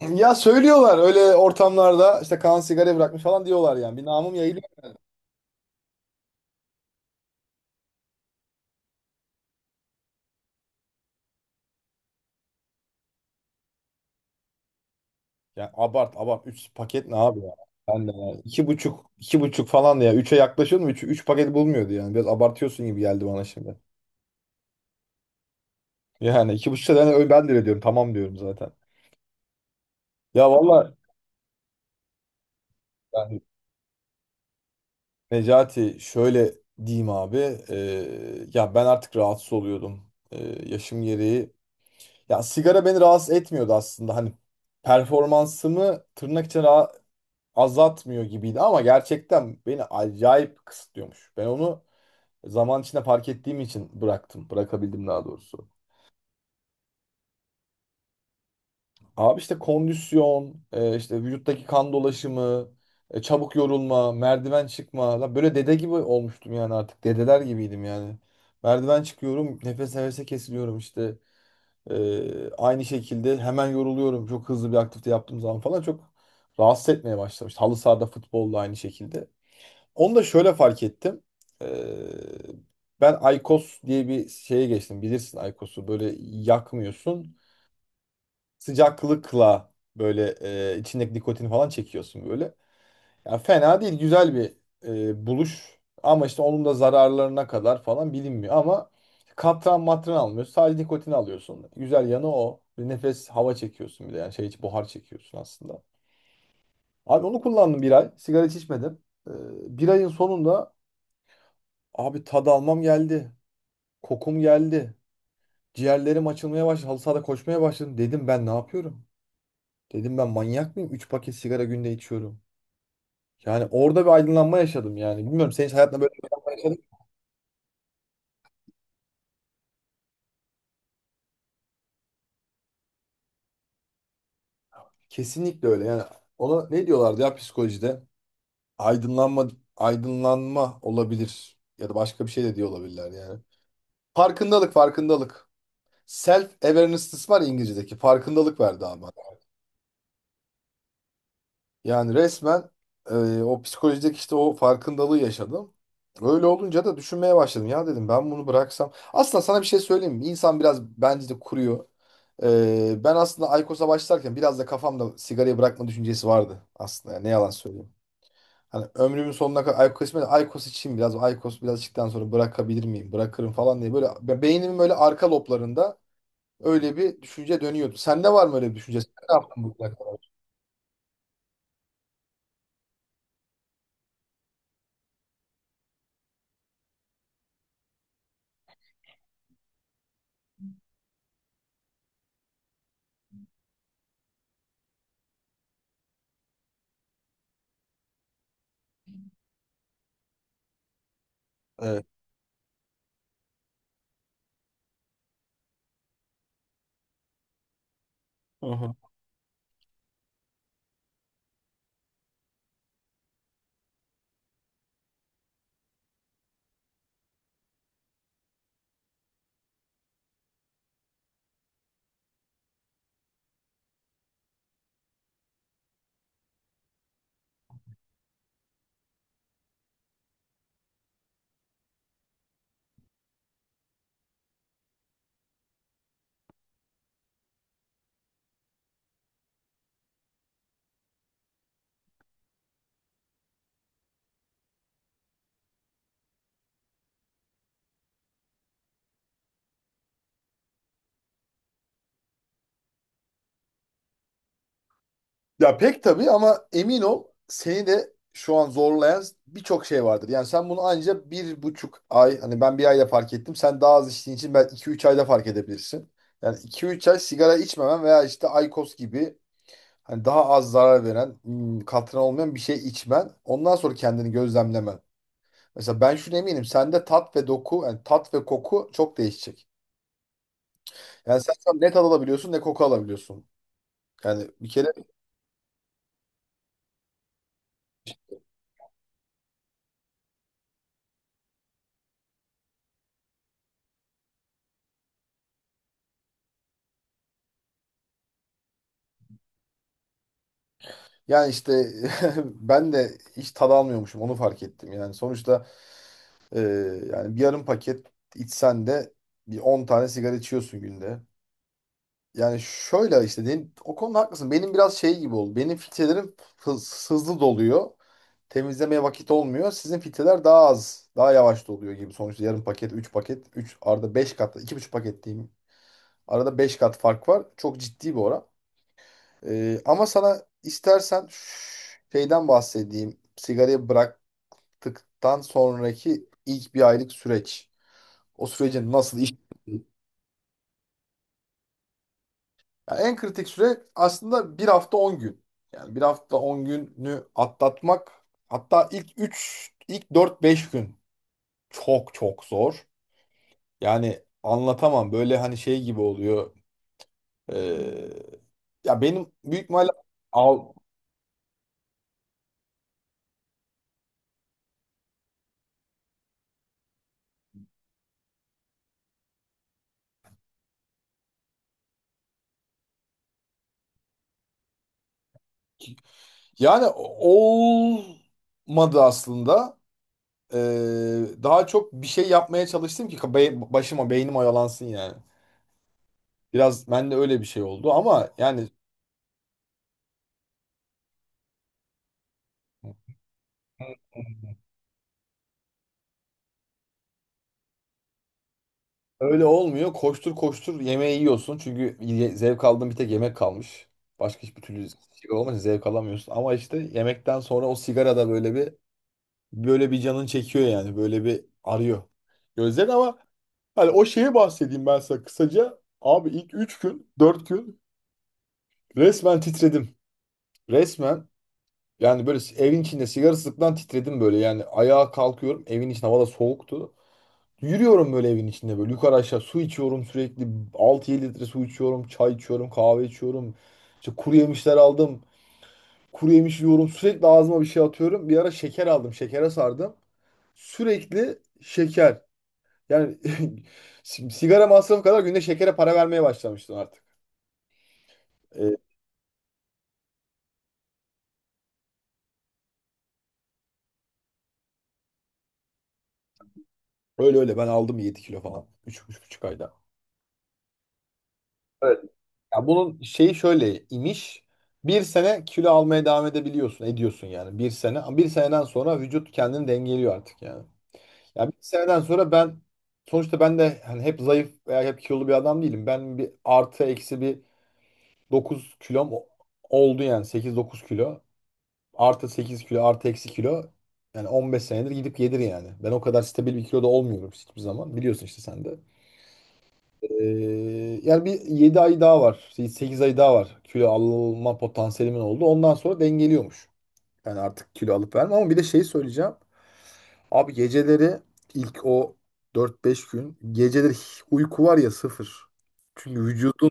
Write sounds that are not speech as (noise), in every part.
Ya söylüyorlar öyle ortamlarda işte Kaan sigara bırakmış falan diyorlar yani. Bir namım yayılıyor. Ya abart abart. Üç paket ne abi ya? Ben de ya. İki buçuk iki buçuk falan da ya. Üçe yaklaşıyordum. Üç paket bulmuyordu yani. Biraz abartıyorsun gibi geldi bana şimdi. Yani iki buçukta ben de öyle diyorum. Tamam diyorum zaten. Ya valla yani, Necati, şöyle diyeyim abi. Ya ben artık rahatsız oluyordum. Yaşım gereği. Ya sigara beni rahatsız etmiyordu aslında. Hani performansımı tırnak içine azaltmıyor gibiydi ama gerçekten beni acayip kısıtlıyormuş. Ben onu zaman içinde fark ettiğim için bıraktım. Bırakabildim daha doğrusu. Abi işte kondisyon, işte vücuttaki kan dolaşımı, çabuk yorulma, merdiven çıkma. Lan böyle dede gibi olmuştum yani artık. Dedeler gibiydim yani. Merdiven çıkıyorum, nefes nefese kesiliyorum işte. Aynı şekilde hemen yoruluyorum. Çok hızlı bir aktivite yaptığım zaman falan çok rahatsız etmeye başlamıştı. Halı sahada futbolda aynı şekilde. Onu da şöyle fark ettim. Ee, Ben Aykos diye bir şeye geçtim. Bilirsin Aykos'u böyle yakmıyorsun. Sıcaklıkla böyle içindeki nikotini falan çekiyorsun böyle. Ya fena değil, güzel bir buluş. Ama işte onun da zararlarına kadar falan bilinmiyor. Ama katran matran almıyorsun. Sadece nikotini alıyorsun. Güzel yanı o. Bir nefes hava çekiyorsun bir de. Yani şey, hiç buhar çekiyorsun aslında. Abi onu kullandım bir ay. Sigara hiç içmedim. Ee, Bir ayın sonunda, abi, tad almam geldi. Kokum geldi. Ciğerlerim açılmaya başladı. Halı sahada koşmaya başladım. Dedim ben ne yapıyorum? Dedim ben manyak mıyım? 3 paket sigara günde içiyorum. Yani orada bir aydınlanma yaşadım yani. Bilmiyorum, senin hiç hayatında böyle bir aydınlanma yaşadın mı? Kesinlikle öyle. Yani ona ne diyorlardı ya, psikolojide? Aydınlanma aydınlanma olabilir ya da başka bir şey de diyor olabilirler yani. Farkındalık, farkındalık. Self awareness var ya, İngilizce'deki. Farkındalık verdi abi. Yani resmen o psikolojideki işte o farkındalığı yaşadım. Öyle olunca da düşünmeye başladım. Ya dedim ben bunu bıraksam. Aslında sana bir şey söyleyeyim mi? İnsan biraz bence de kuruyor. Ben aslında Aykos'a başlarken biraz da kafamda sigarayı bırakma düşüncesi vardı aslında. Yani ne yalan söyleyeyim. Hani ömrümün sonuna kadar Aykos içmeye, Aykos içeyim biraz. Aykos biraz içtikten sonra bırakabilir miyim? Bırakırım falan diye. Böyle beynimin böyle arka loblarında öyle bir düşünce dönüyordu. Sende var mı öyle bir düşünce? Sen ne yaptın bu kadar? Evet. Hı hı. Ya pek tabii, ama emin ol, seni de şu an zorlayan birçok şey vardır. Yani sen bunu anca bir buçuk ay, hani ben bir ayda fark ettim. Sen daha az içtiğin için belki iki üç ayda fark edebilirsin. Yani iki üç ay sigara içmemen veya işte Aykos gibi hani daha az zarar veren, katran olmayan bir şey içmen. Ondan sonra kendini gözlemlemen. Mesela ben şunu eminim, sende tat ve doku, yani tat ve koku çok değişecek. Yani sen şu an ne tat alabiliyorsun ne koku alabiliyorsun. Yani bir kere... Yani işte (laughs) ben de hiç tad almıyormuşum, onu fark ettim. Yani sonuçta e, yani bir yarım paket içsen de bir 10 tane sigara içiyorsun günde. Yani şöyle işte o konuda haklısın. Benim biraz şey gibi oldu. Benim filtrelerim hızlı doluyor. Temizlemeye vakit olmuyor. Sizin filtreler daha az, daha yavaş doluyor gibi. Sonuçta yarım paket, 3 paket, 3 arada 5 kat, 2,5 paket diyeyim. Arada 5 kat fark var. Çok ciddi bir oran. Ama sana istersen şeyden bahsedeyim. Sigarayı bıraktıktan sonraki ilk bir aylık süreç. O sürecin nasıl iş... Yani en kritik süre aslında bir hafta 10 gün. Yani bir hafta 10 günü atlatmak, hatta ilk üç, ilk dört beş gün çok çok zor. Yani anlatamam, böyle, hani şey gibi oluyor. Ee, Ya benim büyük ihtimalle... Av- Yani olmadı aslında. Daha çok bir şey yapmaya çalıştım ki başıma, beynim oyalansın yani. Biraz bende öyle bir şey oldu ama yani, öyle olmuyor. Koştur koştur yemeği yiyorsun, çünkü zevk aldığın bir tek yemek kalmış. Başka hiçbir türlü şey olmaz, zevk alamıyorsun. Ama işte yemekten sonra o sigara da böyle bir canın çekiyor yani, böyle bir arıyor. Gözlerin ama, hani o şeye bahsedeyim ben sana kısaca. Abi ilk 3 gün 4 gün resmen titredim. Resmen... Yani böyle evin içinde sigara sıktan titredim böyle. Yani ayağa kalkıyorum. Evin içinde havada soğuktu. Yürüyorum böyle evin içinde, böyle yukarı aşağı, su içiyorum sürekli. 6 yedi litre su içiyorum, çay içiyorum, kahve içiyorum. İşte kuru yemişler aldım. Kuru yemiş yiyorum. Sürekli ağzıma bir şey atıyorum. Bir ara şeker aldım. Şekere sardım. Sürekli şeker. Yani (laughs) sigara masrafı kadar günde şekere para vermeye başlamıştım artık. Ee, Öyle öyle ben aldım 7 kilo falan. Üç 35 ayda. Ya bunun şeyi şöyle imiş. Bir sene kilo almaya devam edebiliyorsun, ediyorsun yani, bir sene. Bir seneden sonra vücut kendini dengeliyor artık yani. Ya bir seneden sonra ben, sonuçta ben de hani hep zayıf veya hep kilolu bir adam değilim. Ben bir artı eksi bir 9 kilom oldu yani, 8-9 kilo. Artı 8 kilo, artı eksi kilo. Yani 15 senedir gidip gelir yani. Ben o kadar stabil bir kiloda olmuyorum hiçbir zaman. Biliyorsun işte sen de. Ee, Yani bir 7 ay daha var. Şey, 8 ay daha var. Kilo alma potansiyelimin oldu. Ondan sonra dengeliyormuş. Yani artık kilo alıp vermem, ama bir de şey söyleyeceğim. Abi geceleri, ilk o dört beş gün, geceleri hiç uyku var ya, sıfır. Çünkü vücudun...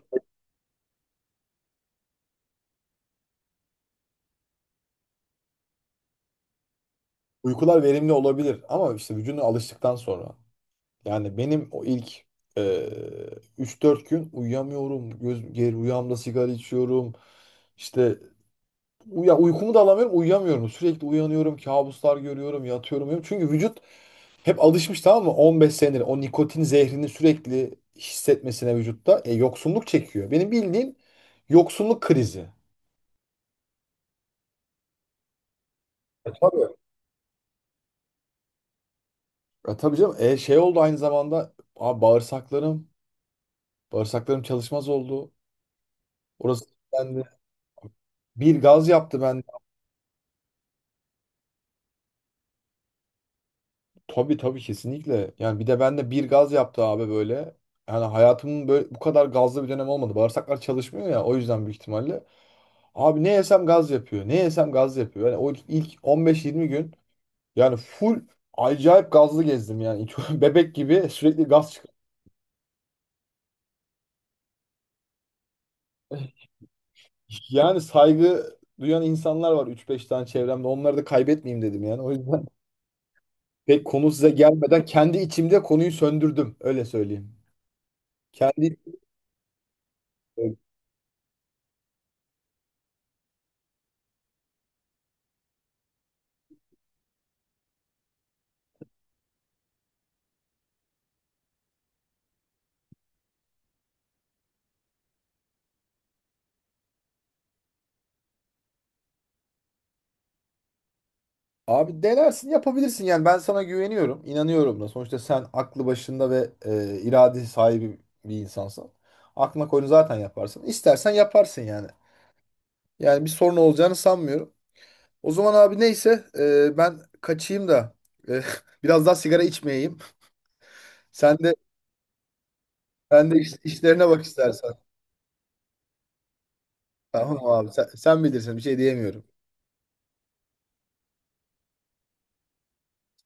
uykular verimli olabilir ama işte vücuduna alıştıktan sonra. Yani benim o ilk e, 3-4 gün uyuyamıyorum. Göz, geri rüyamda sigara içiyorum. İşte, ya uykumu da alamıyorum, uyuyamıyorum. Sürekli uyanıyorum, kabuslar görüyorum, yatıyorum, uyuyorum. Çünkü vücut hep alışmış, tamam mı? 15 senedir o nikotin zehrini sürekli hissetmesine, vücutta yoksunluk çekiyor. Benim bildiğim yoksunluk krizi. E, tabii. E, tabii canım. Şey oldu aynı zamanda abi, bağırsaklarım çalışmaz oldu. Orası, bende bir gaz yaptı ben. Tabii tabii, kesinlikle. Yani bir de bende bir gaz yaptı abi böyle. Yani hayatımın böyle bu kadar gazlı bir dönem olmadı. Bağırsaklar çalışmıyor ya, o yüzden büyük ihtimalle. Abi ne yesem gaz yapıyor. Ne yesem gaz yapıyor. Yani o ilk 15-20 gün, yani full acayip gazlı gezdim yani. (laughs) Bebek gibi sürekli gaz çıkıyor. (laughs) Yani saygı duyan insanlar var üç beş tane çevremde. Onları da kaybetmeyeyim dedim yani. O yüzden (laughs) pek konu size gelmeden kendi içimde konuyu söndürdüm. Öyle söyleyeyim. Kendi... Abi denersin, yapabilirsin yani. Ben sana güveniyorum, inanıyorum da. Sonuçta sen aklı başında ve irade sahibi bir insansın. Aklına koyunu zaten yaparsın. İstersen yaparsın yani. Yani bir sorun olacağını sanmıyorum. O zaman abi, neyse, ben kaçayım da e, (laughs) biraz daha sigara içmeyeyim. Sen de sen de işlerine bak istersen. Tamam abi? Sen bilirsin. Bir şey diyemiyorum.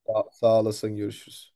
Sağ olasın. Görüşürüz.